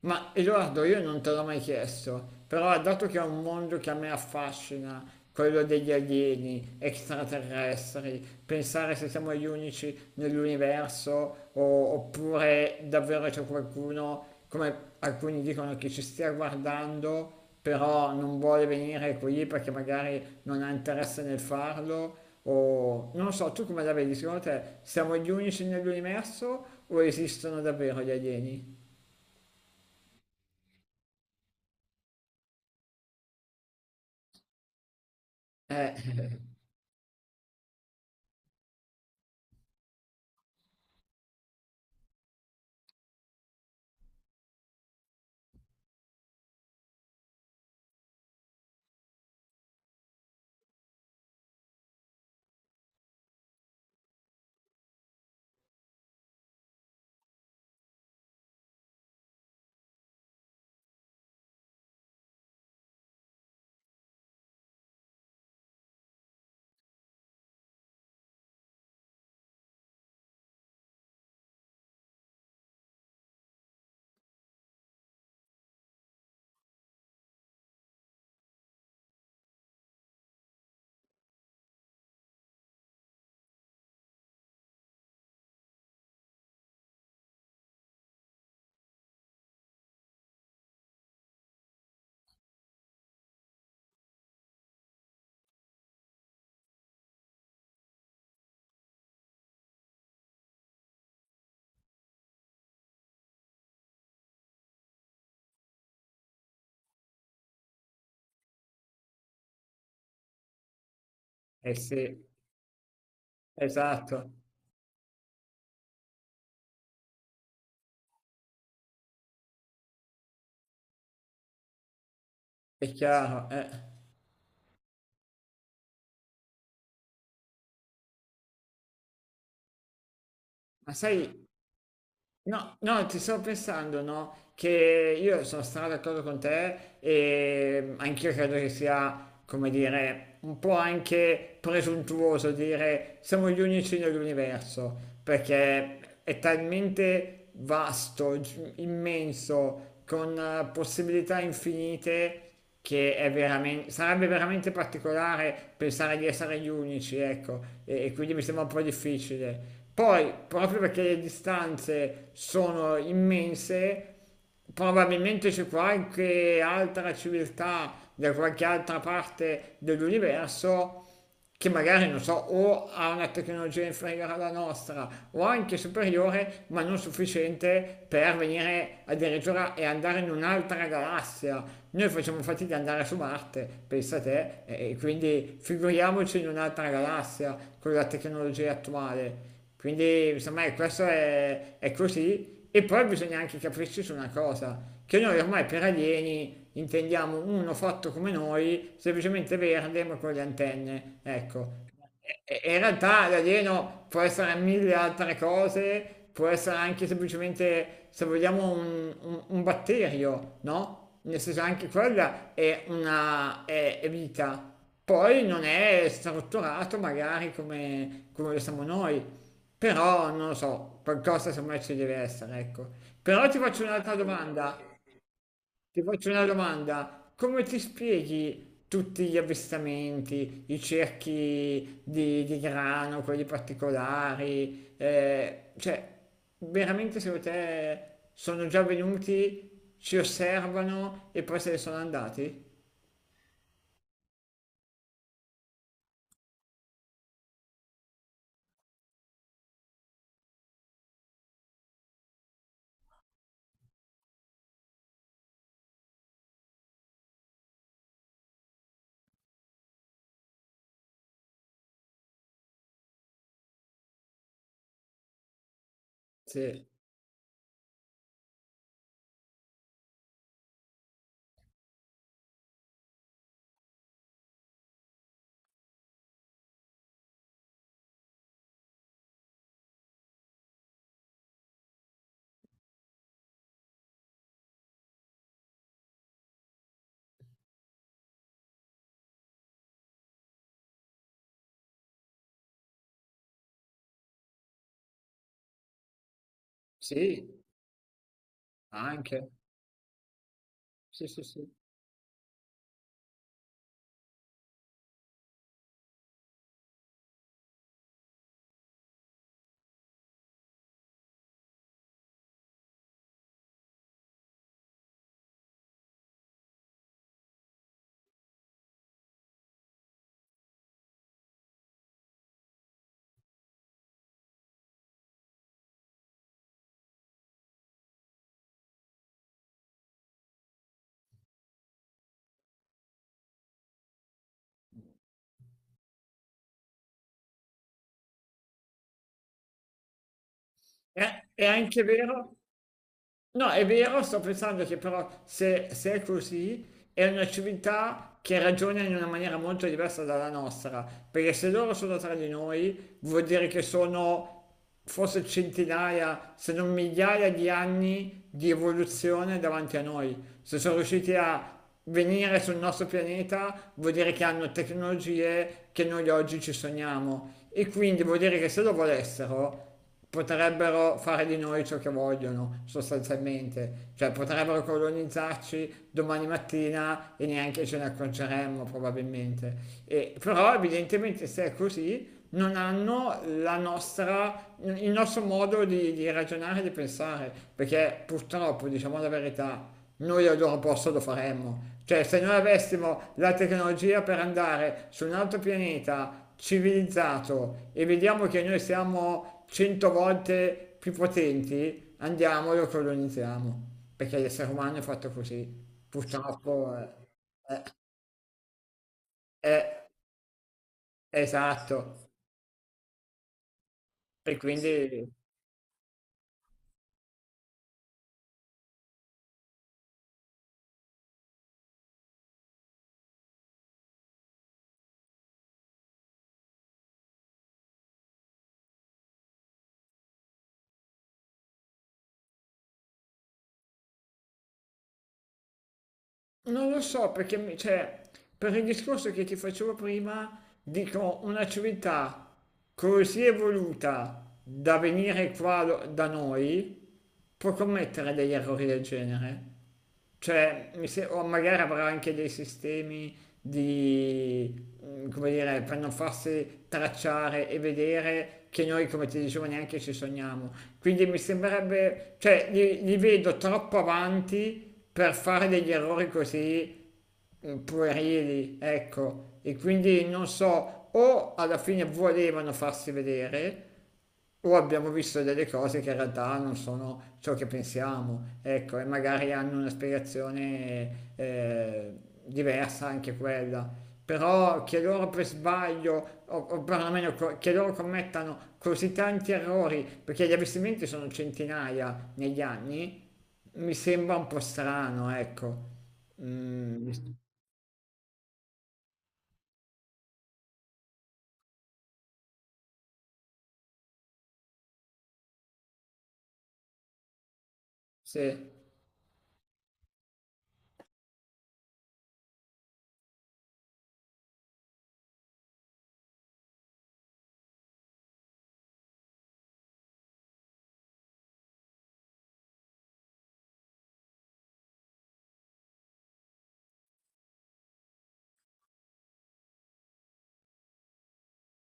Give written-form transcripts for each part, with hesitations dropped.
Ma Edoardo, io non te l'ho mai chiesto, però dato che è un mondo che a me affascina, quello degli alieni, extraterrestri, pensare se siamo gli unici nell'universo oppure davvero c'è qualcuno, come alcuni dicono, che ci stia guardando, però non vuole venire qui perché magari non ha interesse nel farlo, o non lo so, tu come la vedi? Secondo te siamo gli unici nell'universo o esistono davvero gli alieni? Eh, Eh sì, esatto, è chiaro. Ma sai, no, ti stavo pensando, no? Che io sono stato d'accordo con te e anch'io credo che sia, come dire, un po' anche presuntuoso dire siamo gli unici nell'universo, perché è talmente vasto, immenso, con possibilità infinite che è veramente, sarebbe veramente particolare pensare di essere gli unici, ecco, e quindi mi sembra un po' difficile. Poi, proprio perché le distanze sono immense, probabilmente c'è qualche altra civiltà da qualche altra parte dell'universo che magari, non so, o ha una tecnologia inferiore alla nostra o anche superiore, ma non sufficiente per venire addirittura e andare in un'altra galassia. Noi facciamo fatica ad andare su Marte, pensa te, e quindi figuriamoci in un'altra galassia con la tecnologia attuale. Quindi, insomma, ecco, questo è così. E poi bisogna anche capirci su una cosa, che noi ormai per alieni intendiamo uno fatto come noi, semplicemente verde ma con le antenne, ecco. E in realtà l'alieno può essere mille altre cose, può essere anche semplicemente, se vogliamo, un batterio, no? Nel senso anche quella è vita. Poi non è strutturato magari come, come lo siamo noi, però non lo so, qualcosa semmai ci deve essere, ecco. Però ti faccio un'altra domanda, ti faccio una domanda. Come ti spieghi tutti gli avvistamenti, i cerchi di grano, quelli particolari? Cioè, veramente secondo te sono già venuti, ci osservano e poi se ne sono andati? Sì, sì, anche. Sì, sì, sì. È anche vero? No, è vero, sto pensando che però se è così, è una civiltà che ragiona in una maniera molto diversa dalla nostra, perché se loro sono tra di noi, vuol dire che sono forse centinaia, se non migliaia di anni di evoluzione davanti a noi. Se sono riusciti a venire sul nostro pianeta, vuol dire che hanno tecnologie che noi oggi ci sogniamo. E quindi vuol dire che se lo volessero, potrebbero fare di noi ciò che vogliono, sostanzialmente, cioè potrebbero colonizzarci domani mattina e neanche ce ne accorgeremmo probabilmente. Però evidentemente se è così non hanno la nostra, il nostro modo di ragionare e di pensare, perché purtroppo, diciamo la verità, noi al loro posto lo faremmo. Cioè, se noi avessimo la tecnologia per andare su un altro pianeta civilizzato e vediamo che noi siamo 100 volte più potenti, andiamo e lo colonizziamo. Perché l'essere umano è fatto così. Purtroppo è esatto. E quindi non lo so perché, cioè, per il discorso che ti facevo prima, dico una civiltà così evoluta da venire qua da noi può commettere degli errori del genere. Cioè, mi se- o magari avrà anche dei sistemi di, come dire, per non farsi tracciare e vedere che noi, come ti dicevo, neanche ci sogniamo. Quindi mi sembrerebbe, cioè, li vedo troppo avanti per fare degli errori così puerili, ecco, e quindi non so, o alla fine volevano farsi vedere, o abbiamo visto delle cose che in realtà non sono ciò che pensiamo, ecco, e magari hanno una spiegazione diversa anche quella. Però che loro per sbaglio, o perlomeno che loro commettano così tanti errori, perché gli avvistamenti sono centinaia negli anni, mi sembra un po' strano, ecco. Mm, sì,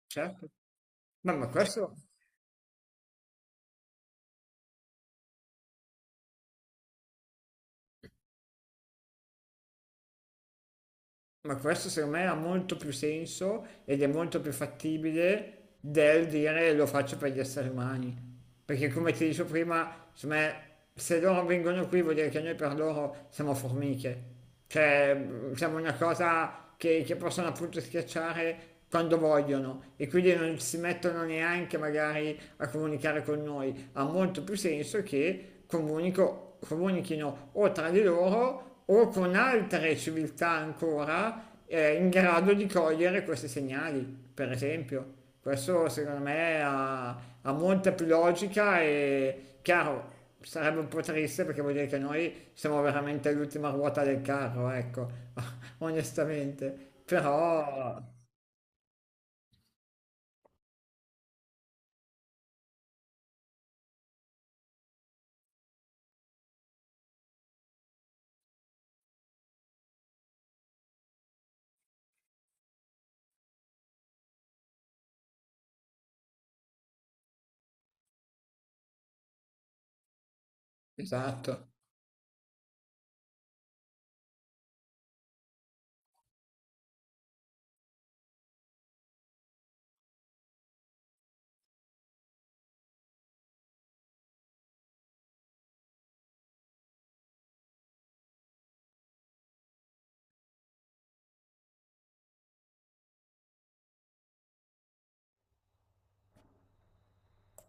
certo. No, ma questo secondo me ha molto più senso ed è molto più fattibile del dire lo faccio per gli esseri umani. Perché come ti dicevo prima, secondo me, se loro vengono qui vuol dire che noi per loro siamo formiche. Cioè, siamo una cosa che possono appunto schiacciare quando vogliono e quindi non si mettono neanche magari a comunicare con noi. Ha molto più senso che comunichino o tra di loro o con altre civiltà ancora in grado di cogliere questi segnali, per esempio. Questo secondo me ha, ha molta più logica e chiaro, sarebbe un po' triste perché vuol dire che noi siamo veramente all'ultima ruota del carro, ecco, onestamente. Però, esatto.